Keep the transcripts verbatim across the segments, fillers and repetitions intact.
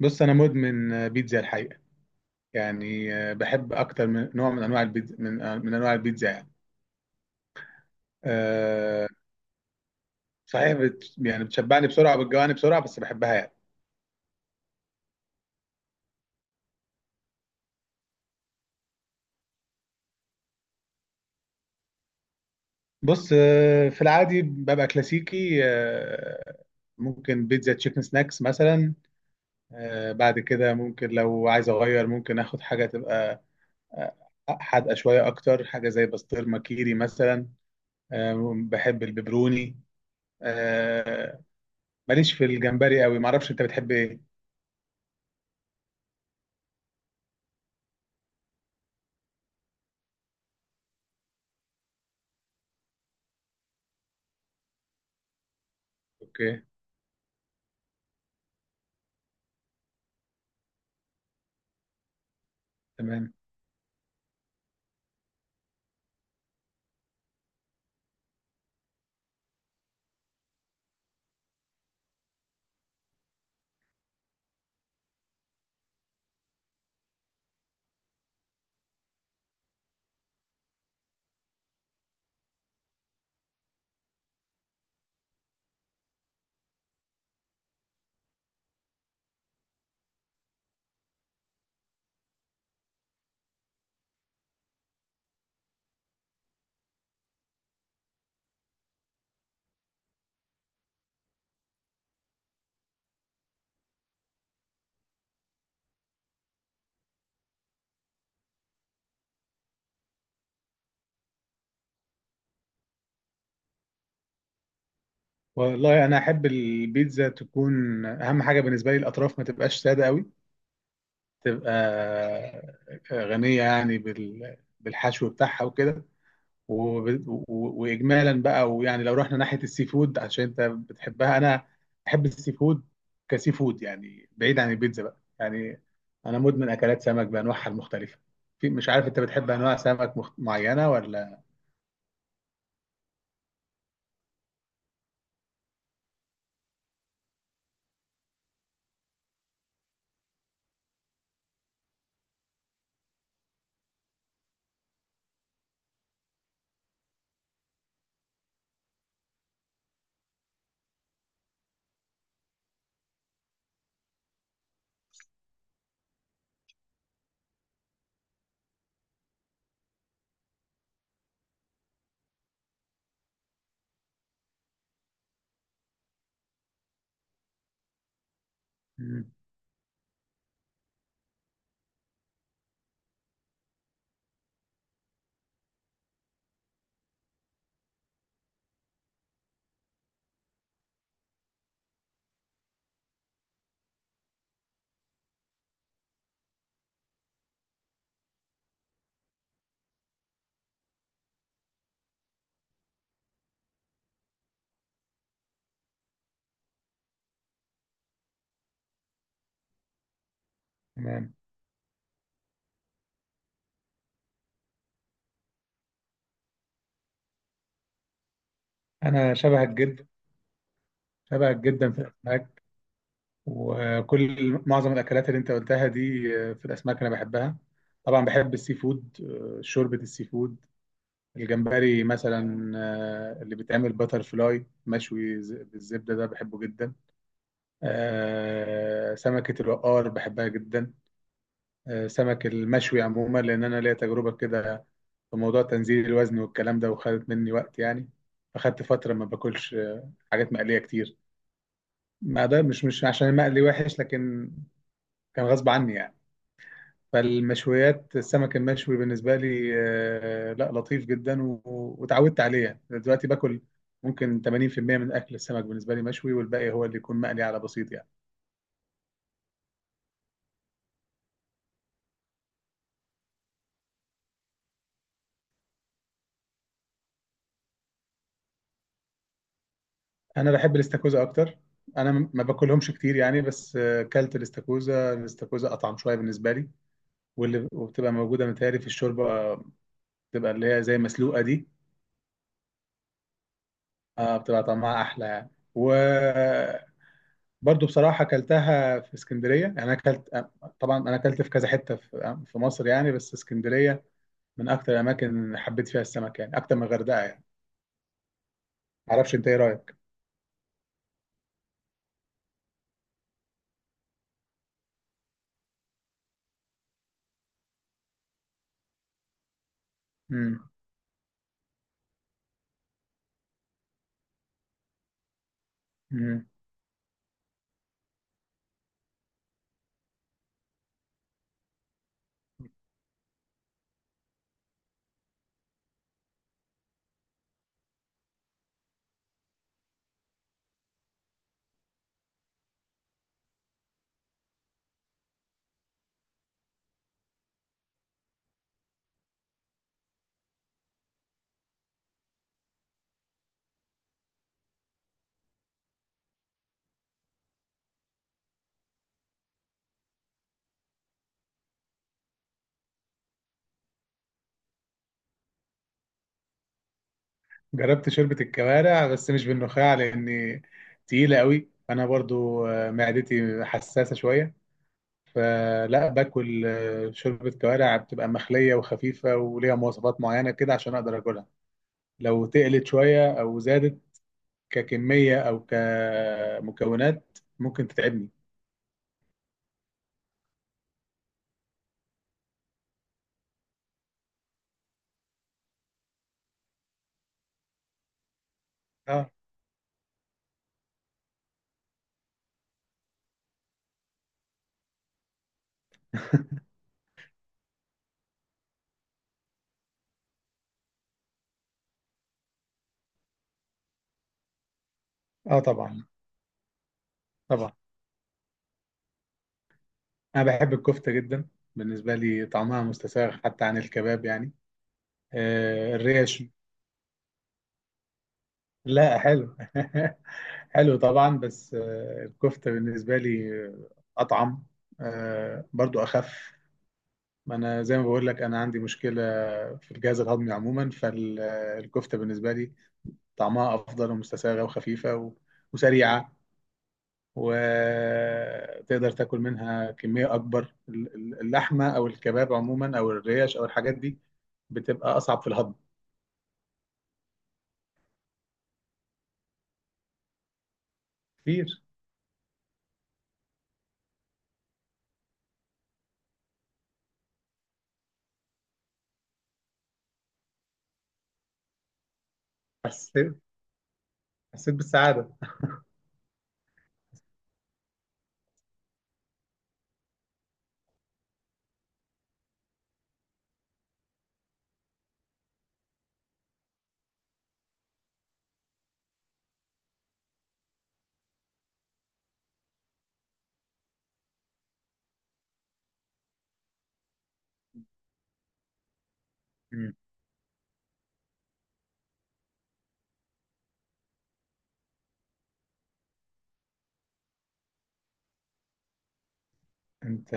بص انا مدمن بيتزا الحقيقه يعني آه، بحب اكتر من نوع من انواع البيتزا من آه، من انواع البيتزا يعني. أه. صحيح بت يعني بتشبعني بسرعه بتجوعني بسرعه بس بحبها يعني. بص، آه، في العادي ببقى كلاسيكي. آه، ممكن بيتزا تشيكن سناكس مثلا. آه، بعد كده ممكن لو عايز اغير ممكن اخد حاجه تبقى آه، حادقه شويه، اكتر حاجه زي بسطرمه كيري مثلا. آه، بحب البيبروني. آه، ماليش في الجمبري قوي. معرفش انت بتحب ايه؟ اوكي. تمام. والله انا احب البيتزا تكون، اهم حاجه بالنسبه لي الاطراف ما تبقاش ساده قوي، تبقى آه، غنيه يعني بال- بالحشو بتاعها وكده. وب- و- واجمالا بقى، ويعني لو رحنا ناحيه السي فود عشان انت بتحبها، انا بحب السي فود. كسي فود يعني، بعيد عن البيتزا بقى يعني. انا مدمن اكلات سمك بانواعها المختلفه. في، مش عارف انت بتحب انواع سمك مخ- معينه ولا. مم. تمام. انا شبهك جدا، شبهك جدا في الاسماك. وكل معظم الاكلات اللي انت قلتها دي آه، في الاسماك انا بحبها. طبعا بحب السي فود. آه، شوربه السي فود، الجمبري مثلا، آه، اللي بيتعمل باتر فلاي مشوي ز- بالزبده ده بحبه جدا. آه، سمكه الوقار بحبها جدا. آه، سمك المشوي عموما، لان انا ليا تجربه كده في موضوع تنزيل الوزن والكلام ده، وخدت مني وقت يعني. فخدت فتره ما باكلش حاجات مقليه كتير. ما ده مش، مش عشان المقلي وحش، لكن كان غصب عني يعني. فالمشويات، السمك المشوي بالنسبة لي آه، لا، لطيف جدا و- واتعودت عليه. يعني دلوقتي باكل ممكن ثمانين في المية من أكل السمك بالنسبة لي مشوي، والباقي هو اللي يكون مقلي على بسيط يعني. أنا بحب الاستاكوزا أكتر. أنا م- ما باكلهمش كتير يعني، بس آه، كلت الاستاكوزا. الاستاكوزا أطعم شوية بالنسبة لي. واللي، وبتبقى موجودة متهيألي في الشوربة آه، بتبقى اللي هي زي مسلوقة دي. آه، بتبقى طعمها أحلى يعني. و برضو بصراحة أكلتها في اسكندرية يعني. أنا أكلت، طبعا أنا أكلت في كذا حتة في في مصر يعني، بس اسكندرية من أكتر الأماكن اللي حبيت فيها السمك يعني، أكتر من الغردقة يعني. معرفش أنت إيه رأيك؟ مم. مم. جربت شوربة الكوارع بس مش بالنخاع، لأني تقيلة قوي. أنا برضو آه، معدتي حساسة شوية. فلا باكل آه، شوربة كوارع بتبقى مخلية وخفيفة وليها مواصفات معينة كده عشان أقدر أكلها. لو تقلت شوية أو زادت ككمية أو كمكونات ممكن تتعبني. اه. اه طبعا. طبعا، أنا بحب الكفتة جدا. بالنسبة لي طعمها مستساغ حتى عن الكباب يعني. آه، الريش. لا، حلو. حلو طبعا، بس آه الكفتة بالنسبة لي أطعم. آه، برضو أخف. ما أنا زي ما بقول لك، أنا عندي مشكلة في الجهاز الهضمي عموما. فالكفتة بالنسبة لي طعمها أفضل ومستساغة وخفيفة و- وسريعة، وتقدر تاكل منها كميه اكبر. ال- ال- اللحمه او الكباب عموما او الريش او الحاجات دي بتبقى اصعب في الهضم. كتير. حسيت، حسيت بالسعاده. مم. انت.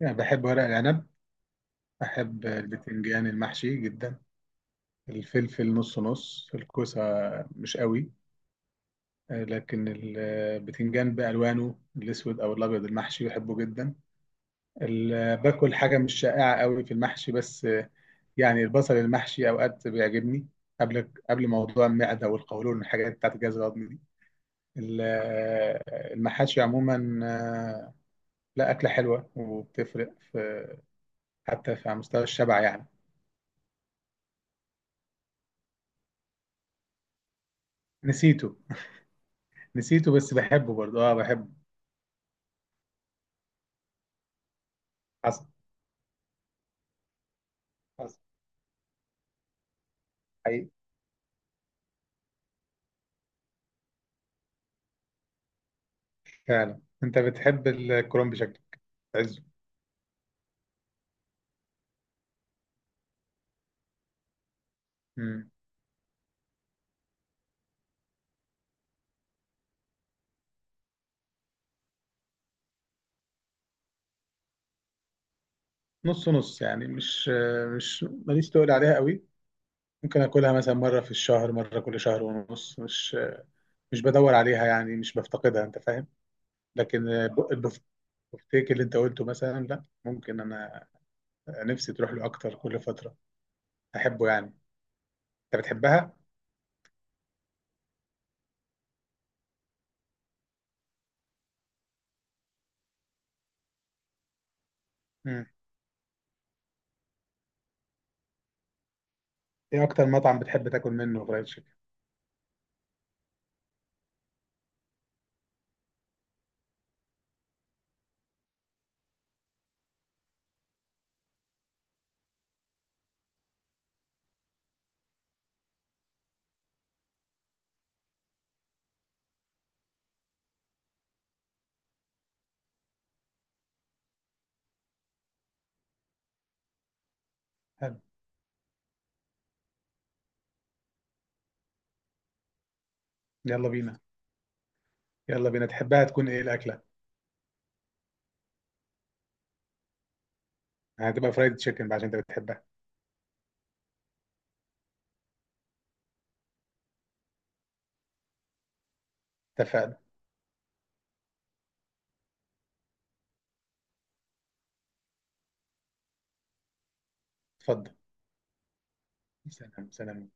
يعني بحب ورق العنب، بحب البتنجان المحشي جدا، الفلفل نص نص، الكوسة مش قوي. آه، لكن البتنجان بألوانه الأسود أو الأبيض المحشي بحبه جدا. ال- باكل حاجة مش شائعة قوي في المحشي بس. يعني البصل المحشي اوقات بيعجبني، قبل، قبل موضوع المعده والقولون والحاجات بتاعت الجهاز الهضمي دي. ال- المحاشي عموما آه، لا، اكله حلوه وبتفرق في، حتى في على مستوى الشبع يعني. نسيته. نسيته بس بحبه برضه، اه بحبه. حصل. حصل. حقيقي. فعلا انت بتحب الكرنب بشكل عزه. مم. نص نص يعني، مش آه، مش ماليش تقول عليها قوي. ممكن اكلها مثلا مره في الشهر، مره كل شهر ونص. مش مش بدور عليها يعني، مش بفتقدها، انت فاهم. لكن ب- البفتيك اللي انت قلته مثلا، لا ممكن انا نفسي تروح له اكتر كل فتره، احبه يعني. انت بتحبها. مم. ايه اكتر مطعم بتحب تاكل منه فرايد تشيكن؟ حلو. يلا بينا. يلا بينا، تحبها تكون ايه الاكله؟ يعني هتبقى فرايد تشيكن بقى عشان انت بتحبها. اتفقنا. اتفضل. سلام سلام.